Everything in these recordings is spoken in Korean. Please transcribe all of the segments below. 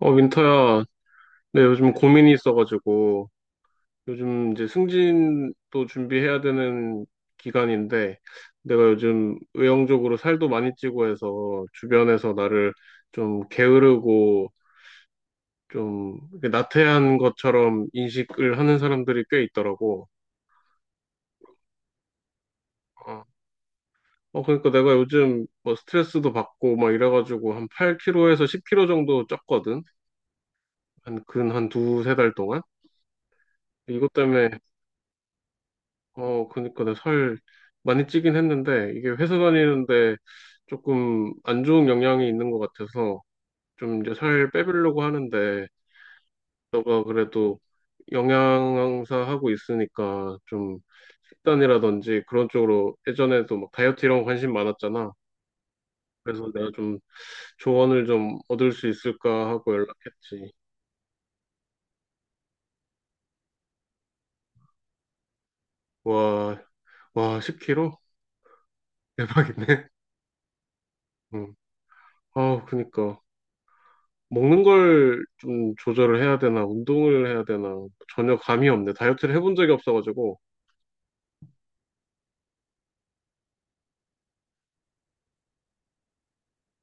어, 윈터야, 네, 요즘 고민이 있어가지고, 요즘 이제 승진도 준비해야 되는 기간인데, 내가 요즘 외형적으로 살도 많이 찌고 해서, 주변에서 나를 좀 게으르고, 좀 이렇게 나태한 것처럼 인식을 하는 사람들이 꽤 있더라고. 어, 그러니까 내가 요즘 뭐 스트레스도 받고 막 이래가지고, 한 8kg에서 10kg 정도 쪘거든? 한, 근 한 2, 3달 동안? 이것 때문에 그니까 내가 살 많이 찌긴 했는데, 이게 회사 다니는데 조금 안 좋은 영향이 있는 것 같아서, 좀 이제 살 빼보려고 하는데, 너가 그래도 영양사 하고 있으니까, 좀 식단이라든지 그런 쪽으로 예전에도 막 다이어트 이런 거 관심 많았잖아. 그래서 내가 좀 조언을 좀 얻을 수 있을까 하고 연락했지. 와, 와, 10kg? 대박이네. 응. 아, 그니까. 먹는 걸 좀 조절을 해야 되나, 운동을 해야 되나, 전혀 감이 없네. 다이어트를 해본 적이 없어가지고.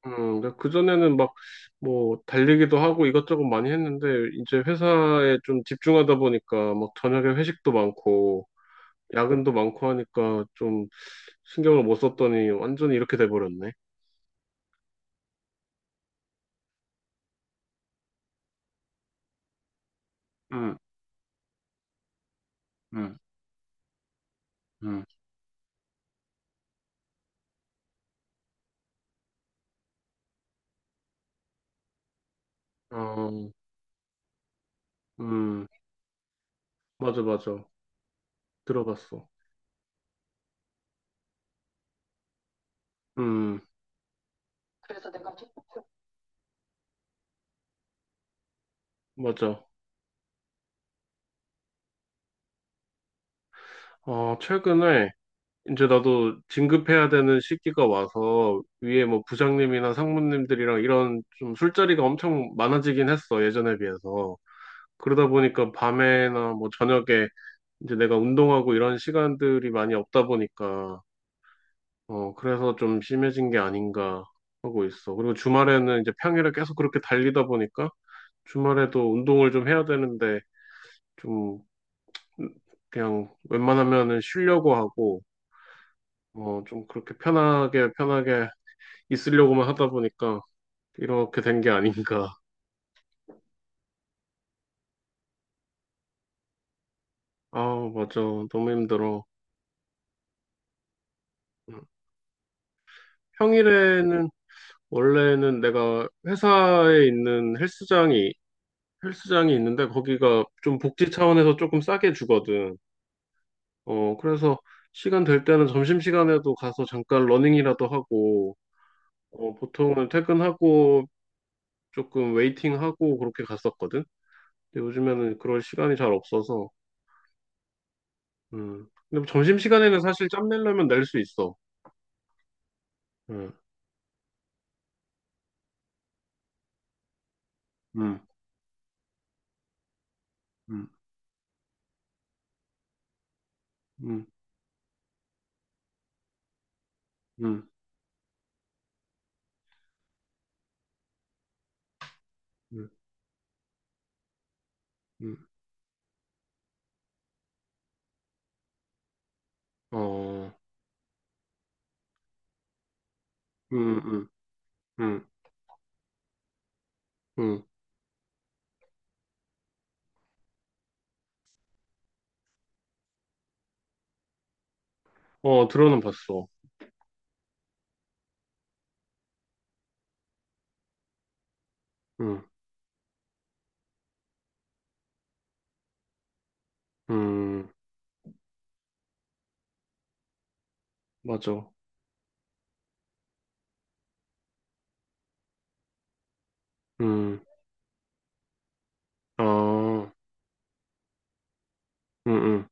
근데 그전에는 막, 뭐, 달리기도 하고 이것저것 많이 했는데, 이제 회사에 좀 집중하다 보니까, 막, 저녁에 회식도 많고, 야근도 많고 하니까, 좀, 신경을 못 썼더니, 완전히 이렇게 돼버렸네. 응, 응, 응. 어, 음, 맞아, 맞아. 들어봤어. 음, 맞아. 최근에, 이제 나도 진급해야 되는 시기가 와서 위에 뭐 부장님이나 상무님들이랑 이런 좀 술자리가 엄청 많아지긴 했어, 예전에 비해서. 그러다 보니까 밤에나 뭐 저녁에 이제 내가 운동하고 이런 시간들이 많이 없다 보니까, 그래서 좀 심해진 게 아닌가 하고 있어. 그리고 주말에는 이제 평일에 계속 그렇게 달리다 보니까 주말에도 운동을 좀 해야 되는데 좀 그냥 웬만하면은 쉬려고 하고, 좀 그렇게 편하게 편하게 있으려고만 하다 보니까 이렇게 된 게 아닌가. 아, 맞아. 너무 힘들어. 음. 평일에는 원래는 내가 회사에 있는 헬스장이 있는데 거기가 좀 복지 차원에서 조금 싸게 주거든. 그래서 시간 될 때는 점심시간에도 가서 잠깐 러닝이라도 하고 보통은 퇴근하고 조금 웨이팅하고 그렇게 갔었거든. 근데 요즘에는 그럴 시간이 잘 없어서 근데 뭐 점심시간에는 사실 짬 내려면 낼 수 있어. 음. 음, 음, 음, 음, 음, 음. 어, 음, 음, 음, 음. 어, 들어는 봤어. 음, 음, 맞아. 음, 아, 음, 음,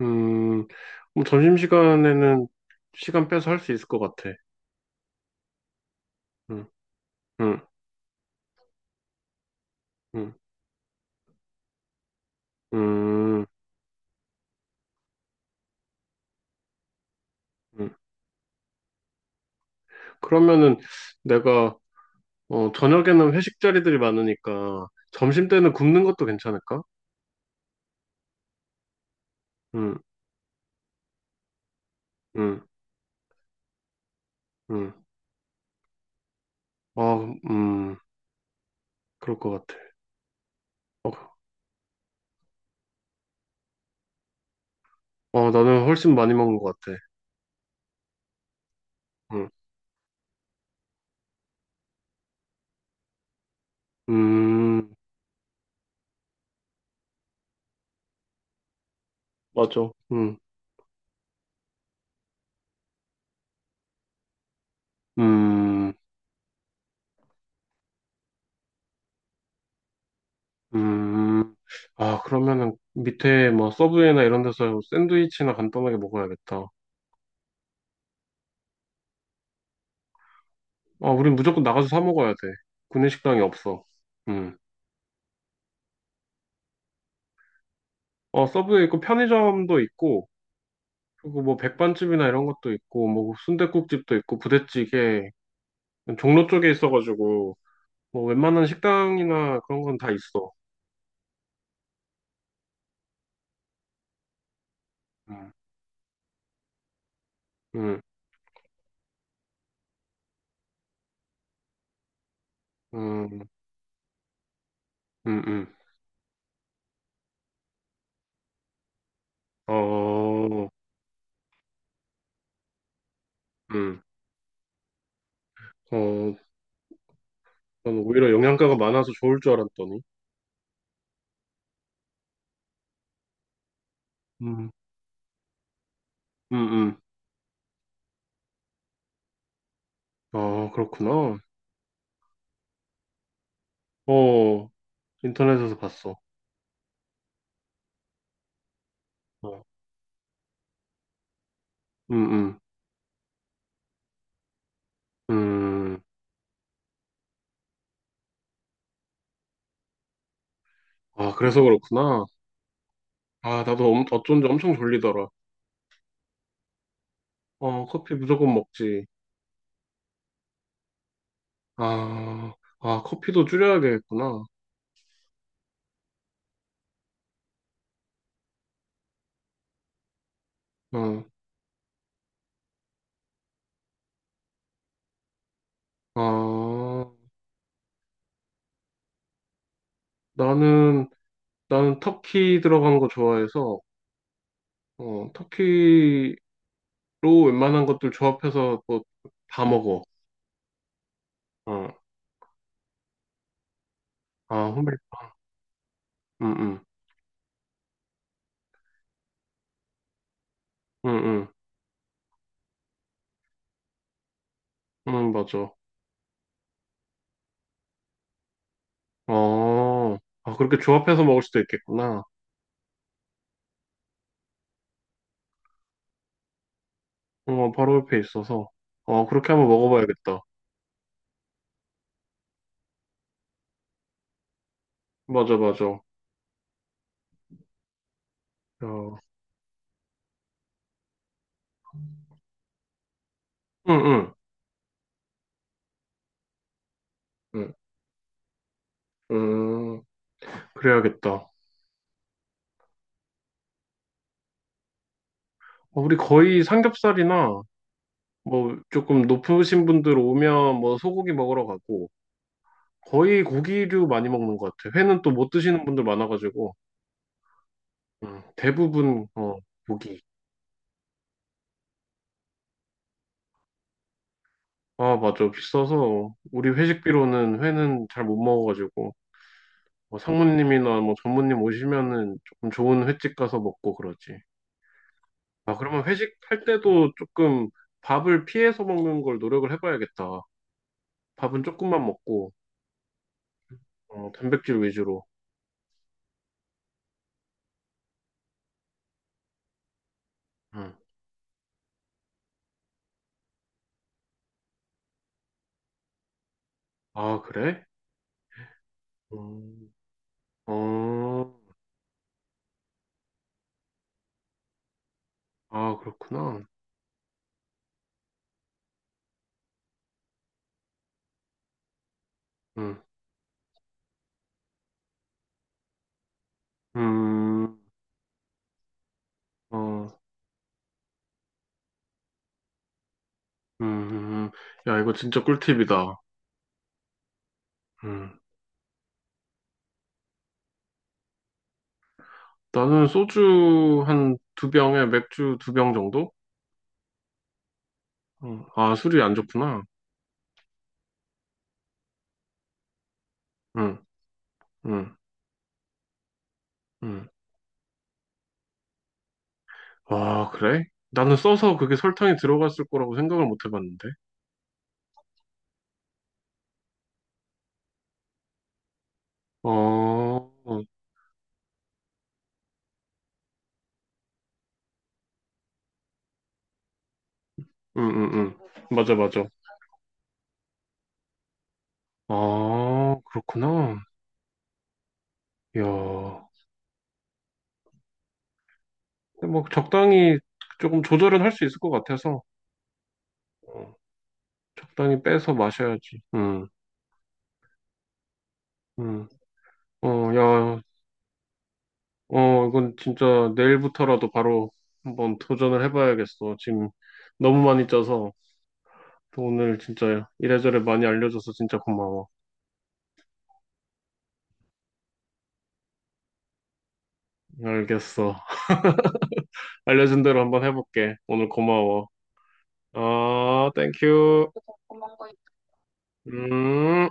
음. 그럼 점심시간에는 시간 빼서 할 수 있을 것 같아. 음, 음, 음, 음, 음. 그러면은 내가, 저녁에는 회식 자리들이 많으니까 점심 때는 굶는 것도 괜찮을까? 음, 음, 음. 아, 음, 그럴 것 같아. 어, 어, 나는 훨씬 많이 먹은 것 같아. 응. 음, 맞아. 음, 음. 아, 그러면은 밑에 뭐 서브웨이나 이런 데서 샌드위치나 간단하게 먹어야겠다. 아, 우린 무조건 나가서 사 먹어야 돼. 구내식당이 없어. 음. 어, 서브웨이 있고 편의점도 있고, 그리고 뭐 백반집이나 이런 것도 있고, 뭐 순댓국집도 있고, 부대찌개. 종로 쪽에 있어가지고, 뭐 웬만한 식당이나 그런 건 다 있어. 음, 음, 음, 음, 음. 어, 음, 어, 난 오히려 영양가가 많아서 좋을 줄 알았더니. 음, 음, 음. 아, 그렇구나. 어, 인터넷에서 봤어. 어, 음, 음, 음. 아, 그래서 그렇구나. 아, 나도 어쩐지 엄청 졸리더라. 어, 커피 무조건 먹지. 아, 아, 커피도 줄여야겠구나. 어, 아, 나는, 나는 터키 들어간 거 좋아해서, 터키로 웬만한 것들 조합해서 또 다 먹어. 어, 아, 응, 응, 응, 응, 응, 맞아. 어, 아, 그렇게 조합해서 먹을 수도 있겠구나. 어, 바로 옆에 있어서. 어, 그렇게 한번 먹어봐야겠다. 맞아, 맞아. 어, 응, 응, 응, 응, 그래야겠다. 어, 우리 거의 삼겹살이나 뭐 조금 높으신 분들 오면 뭐 소고기 먹으러 가고 거의 고기류 많이 먹는 것 같아. 회는 또 못 드시는 분들 많아가지고 응, 대부분 어, 고기. 아, 맞아. 비싸서 우리 회식비로는 회는 잘 못 먹어가지고. 뭐 상무님이나 뭐 전무님 오시면은 조금 좋은 횟집 가서 먹고 그러지. 아, 그러면 회식할 때도 조금 밥을 피해서 먹는 걸 노력을 해봐야겠다. 밥은 조금만 먹고, 단백질 위주로. 응. 아, 그래? 음, 어, 아, 그렇구나. 응. 음, 어, 음, 음. 야, 이거 진짜 꿀팁이다. 음. 나는 소주 한 두 병에 맥주 2병 정도? 응. 아, 술이 안 좋구나. 응, 응, 응. 아, 그래? 나는 써서 그게 설탕이 들어갔을 거라고 생각을 못 해봤는데. 어, 응, 응, 응. 맞아, 맞아. 아, 그렇구나. 이야. 근데 뭐 적당히 조금 조절은 할 수 있을 것 같아서 어, 적당히 빼서 마셔야지. 응, 응. 어, 야, 이건 진짜 내일부터라도 바로 한번 도전을 해봐야겠어. 지금 너무 많이 짜서 오늘 진짜 이래저래 많이 알려줘서 진짜 고마워. 알겠어. 알려준 대로 한번 해볼게. 오늘 고마워. 어, 땡큐. 음.